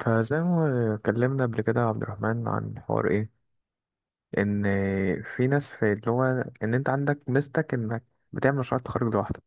فزي ما اتكلمنا قبل كده يا عبد الرحمن عن حوار ايه، ان في ناس في اللي هو ان انت عندك ميزتك انك بتعمل مشروع تخرج لوحدك.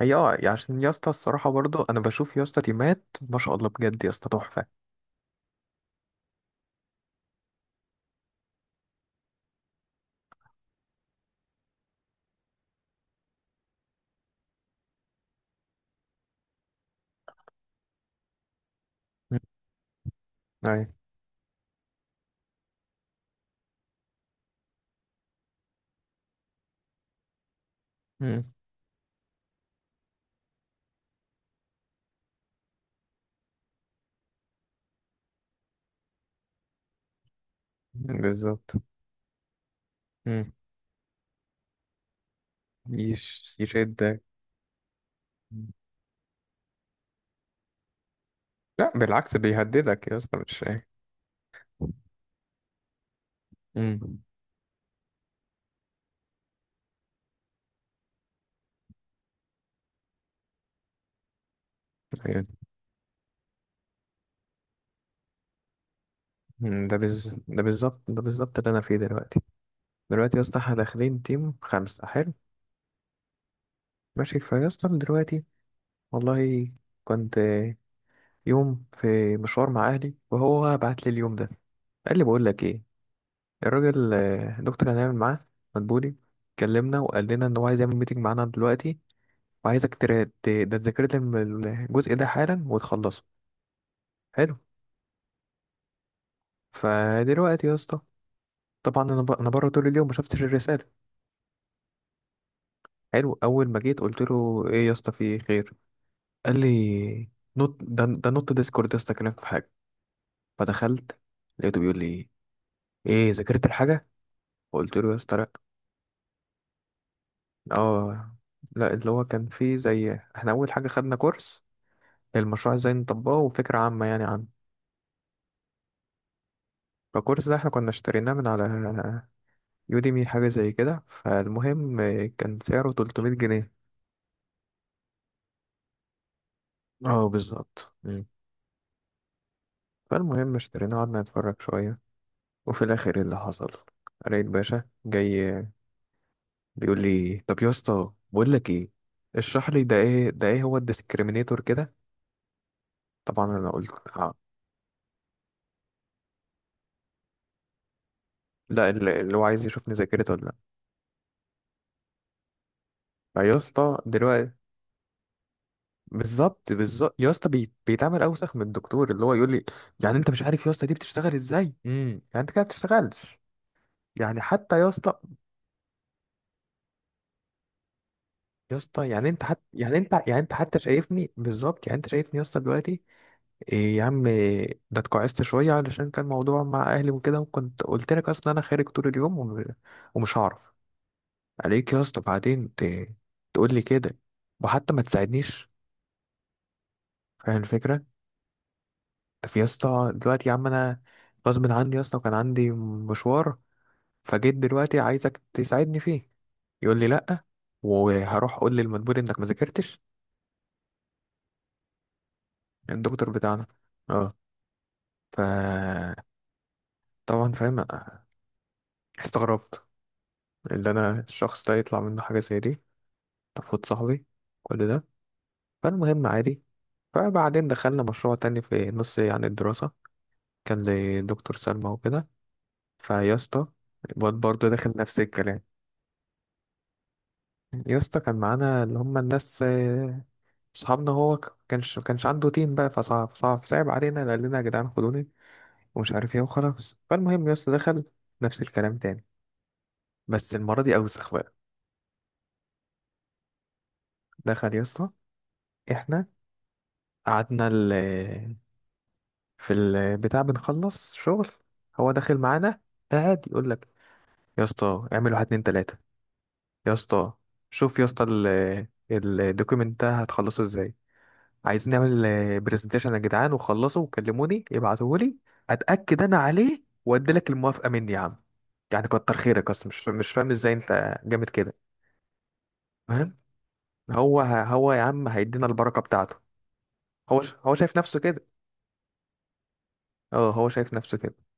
هي يعني عشان يا اسطى الصراحه برضو، انا بشوف يا اسطى تيمات ما شاء الله، بجد يا اسطى تحفه. مم. أيوة. مم. بالظبط. مم. يشدك. مم. لا بالعكس، بيهددك يا اسطى مش ايه. مم. أيوة. مم. ده بالظبط اللي انا فيه دلوقتي. دلوقتي يا اسطى احنا داخلين تيم خمسة. حلو. ماشي فيا اسطى دلوقتي. والله كنت يوم في مشوار مع أهلي، وهو بعت لي اليوم ده، قال لي بقول لك إيه؟ الراجل الدكتور اللي هنعمل معاه، مدبولي، كلمنا وقال لنا إن هو عايز يعمل ميتنج معانا دلوقتي، وعايزك ترا- ت- ده تذاكر لي الجزء ده حالا وتخلصه. حلو. فدلوقتي يا اسطى، طبعا أنا بره طول اليوم، ما شفتش الرسالة. حلو، أول ما جيت قلت له إيه يا اسطى في خير، قال لي نط ده ده نط ديسكورد يا اسطى، كلمك في حاجة. فدخلت، لقيته بيقول لي إيه، ذاكرت الحاجة؟ فقلت له يا اسطى لا. اه، لا اللي هو كان فيه زي، احنا اول حاجه خدنا كورس المشروع ازاي نطبقه وفكره عامه يعني عنه. فالكورس ده احنا كنا اشتريناه من على يوديمي، حاجه زي كده، فالمهم كان سعره 300 جنيه. اه بالظبط. مم. فالمهم اشتريناه، قعدنا نتفرج شويه، وفي الاخر إيه اللي حصل؟ لقيت باشا جاي بيقول لي طب يا اسطى بقول لك ايه، اشرح لي ده ايه، ده ايه هو الديسكريمينيتور كده. طبعا انا قلت آه. لا اللي هو عايز يشوفني ذاكرته. ما يا اسطى دلوقتي. بالظبط بالظبط يا اسطى، بيتعمل اوسخ من الدكتور، اللي هو يقول لي يعني انت مش عارف يا اسطى دي بتشتغل ازاي، يعني انت كده ما بتشتغلش. يعني حتى يا اسطى، يا اسطى يعني انت حتى يعني انت يعني انت حتى شايفني بالظبط، يعني انت شايفني يا اسطى دلوقتي. إيه يا عم إيه، ده اتكعست شويه علشان كان موضوع مع اهلي وكده، وكنت قلت لك اصلا انا خارج طول اليوم، ومش هعرف عليك يا اسطى، بعدين تقول لي كده، وحتى ما تساعدنيش، فاهم الفكره؟ في يا اسطى دلوقتي يا عم، انا غصب عني يا اسطى، وكان عندي مشوار، فجيت دلوقتي عايزك تساعدني فيه، يقول لي لا، وهروح اقول للمدبور انك ما ذاكرتش. الدكتور بتاعنا، اه. ف طبعا فاهم، استغربت اللي انا الشخص ده يطلع منه حاجه زي دي، تفوت صاحبي كل ده. فالمهم عادي. فبعدين دخلنا مشروع تاني في نص يعني الدراسه، كان لدكتور سلمى وكده. فيا اسطى الواد برضه داخل نفس الكلام. يا اسطى كان معانا اللي هم الناس صحابنا، هو كانش عنده تيم بقى، فصعب صعب صعب علينا، قال لنا يا جدعان خدوني ومش عارف ايه وخلاص. فالمهم يا اسطى دخل نفس الكلام تاني، بس المرة دي أوسخ بقى. دخل يا اسطى. احنا قعدنا في البتاع بنخلص شغل، هو داخل معانا، قاعد يقول لك يا اسطى اعمل واحد اتنين تلاتة، يا اسطى شوف يا اسطى الدوكيمنت ده هتخلصه ازاي، عايزين نعمل برزنتيشن يا جدعان، وخلصوا وكلموني ابعتوهولي، اتاكد انا عليه وادي لك الموافقه مني يا عم، يعني كتر خيرك اصلا، مش فاهم ازاي انت جامد كده. فاهم. هو يا عم هيدينا البركه بتاعته. هو شايف نفسه كده. اه هو شايف نفسه كده.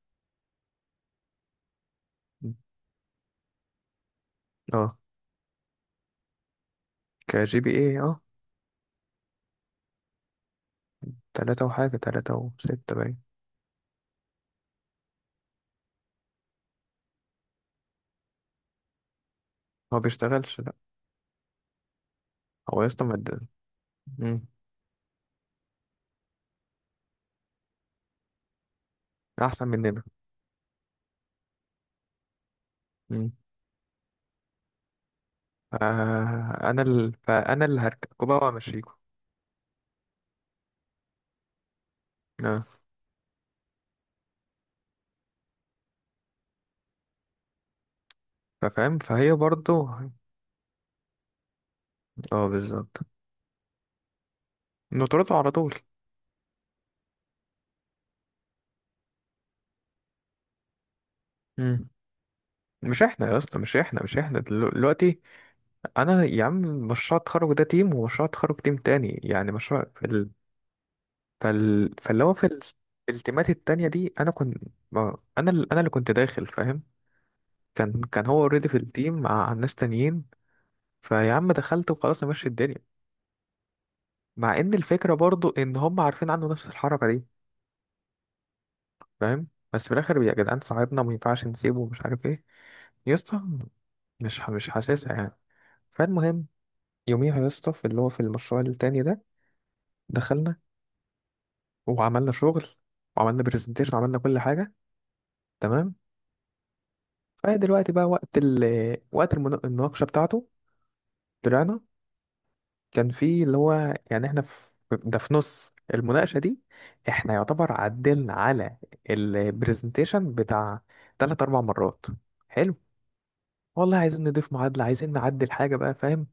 اه. كجي بي ايه، اه. تلاتة وحاجة، تلاتة وستة باين. هو بيشتغلش، لا. هو يا اسطى مد-. مم. أحسن مننا. مم. فأنا اللي هركبه بقى وأمشيكوا. فاهم، فهي برضو. اه بالظبط. نطرده على طول. مم. مش احنا يا اسطى مش احنا مش احنا دلو- دلوقتي. انا يا عم مشروع التخرج ده تيم، ومشروع التخرج تيم تاني، يعني مشروع فاللي هو في التيمات التانية دي، انا كنت انا اللي كنت داخل، فاهم. كان هو اوريدي في التيم مع ناس تانيين. فيا عم دخلت وخلاص ماشي الدنيا، مع ان الفكرة برضو ان هم عارفين عنه نفس الحركة دي، فاهم. بس في الاخر يا جدعان صاحبنا، وما ينفعش نسيبه ومش عارف ايه، يا اسطى مش حاسسها يعني. فالمهم يوميها يا اسطى في اللي هو في المشروع التاني ده، دخلنا وعملنا شغل، وعملنا برزنتيشن، وعملنا كل حاجة، تمام. فهي دلوقتي بقى وقت وقت المناقشة بتاعته. طلعنا. كان في اللي هو يعني احنا في ده في نص المناقشة دي، احنا يعتبر عدلنا على البرزنتيشن بتاع تلات أربع مرات. حلو. والله عايزين نضيف معادلة، عايزين نعدل حاجة بقى، فاهم.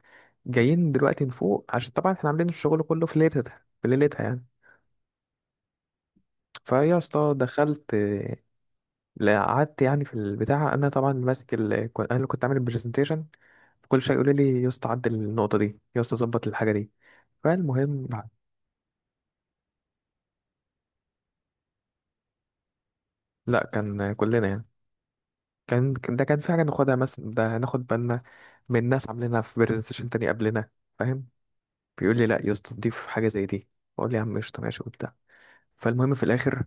جايين دلوقتي نفوق عشان طبعا احنا عاملين الشغل كله في ليلتها، في ليلتها يعني. فيا اسطى دخلت، لا، قعدت يعني في البتاع، انا طبعا اللي ماسك انا اللي كنت عامل البرزنتيشن. كل شويه يقول لي يا اسطى عدل النقطة دي، يا اسطى ظبط الحاجة دي. فالمهم. لا كان كلنا يعني. ده كان في حاجة ناخدها مثلا، ده هناخد بالنا من ناس عاملينها في برزنتيشن تاني قبلنا، فاهم. بيقول لي لا يا اسطى ضيف حاجة زي دي، بقول لي يا عم قشطة، ماشي وبتاع. فالمهم في الاخر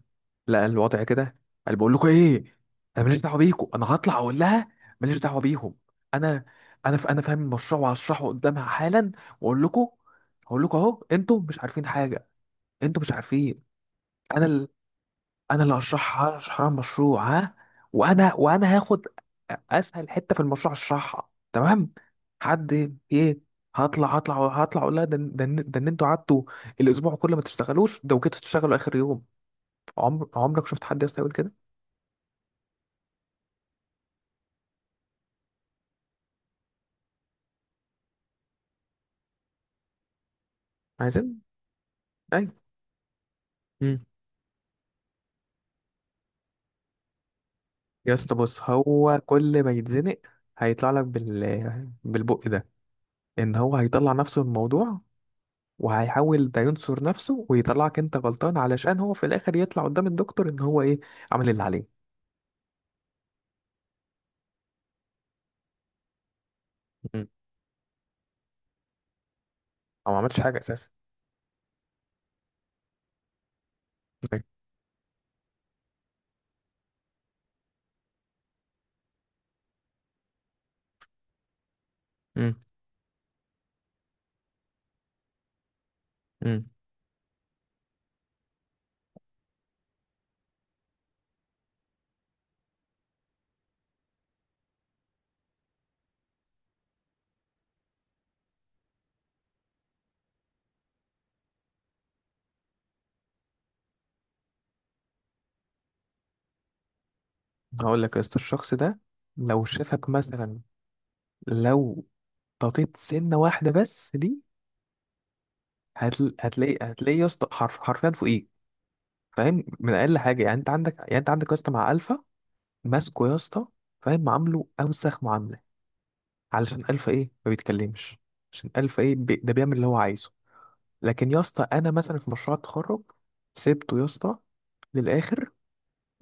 لقى الوضع كده، قال بقول لكم ايه، انا ماليش دعوه بيكم، انا هطلع اقول لها، ماليش دعوه بيهم، انا انا فاهم المشروع وهشرحه قدامها حالا، واقول لكم، هقول لكم اهو انتوا مش عارفين حاجه، انتوا مش عارفين. انا ال... انا اللي هشرحها، هشرح لها المشروع ها، وانا هاخد اسهل حته في المشروع اشرحها، تمام. حد ايه. هطلع اقول لها ده ان انتوا قعدتوا الاسبوع كله ما تشتغلوش ده، وجيتوا تشتغلوا اخر يوم. عمرك شفت حد يا اسطى يقول كده؟ عايزين. ايوه. امم. يا اسطى بص، هو كل ما يتزنق هيطلع لك بالبق ده، ان هو هيطلع نفسه من الموضوع، وهيحاول ده ينصر نفسه ويطلعك انت غلطان علشان هو في الاخر يطلع قدام الدكتور ان هو ايه، عمل اللي عليه. مم. او ما عملش حاجه اساسا. امم. امم. هقول لك يا اسطى الشخص ده لو شافك مثلا، لو ططيت سنه واحده بس دي، هتلاقي يا اسطى حرفيا فوقيك. فاهم، من اقل حاجه، يعني انت عندك يا اسطى مع الفا، ماسكه يا اسطى، فاهم، عامله اوسخ معامله، علشان الفا ايه ما بيتكلمش، عشان الفا ايه ده بيعمل اللي هو عايزه. لكن يا اسطى انا مثلا في مشروع التخرج سبته يا اسطى للاخر،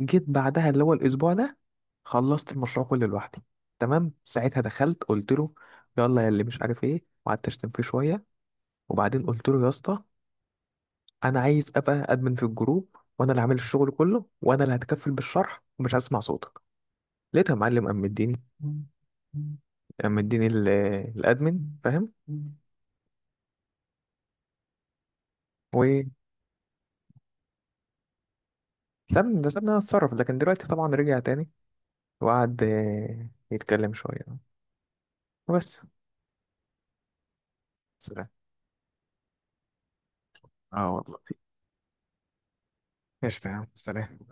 جيت بعدها اللي هو الاسبوع ده خلصت المشروع كله لوحدي، تمام. ساعتها دخلت قلت له يلا يا اللي مش عارف ايه، وقعدت اشتم فيه شويه، وبعدين قلت له يا اسطى انا عايز ابقى ادمن في الجروب، وانا اللي عامل الشغل كله، وانا اللي هتكفل بالشرح، ومش هسمع صوتك. لقيتها يا معلم، قام مديني الادمن، فاهم. وسابني. ده سابني انا اتصرف، لكن دلوقتي طبعا رجع تاني، وقعد يتكلم شويه وبس. سلام. اه والله. ايش، تمام، سلام.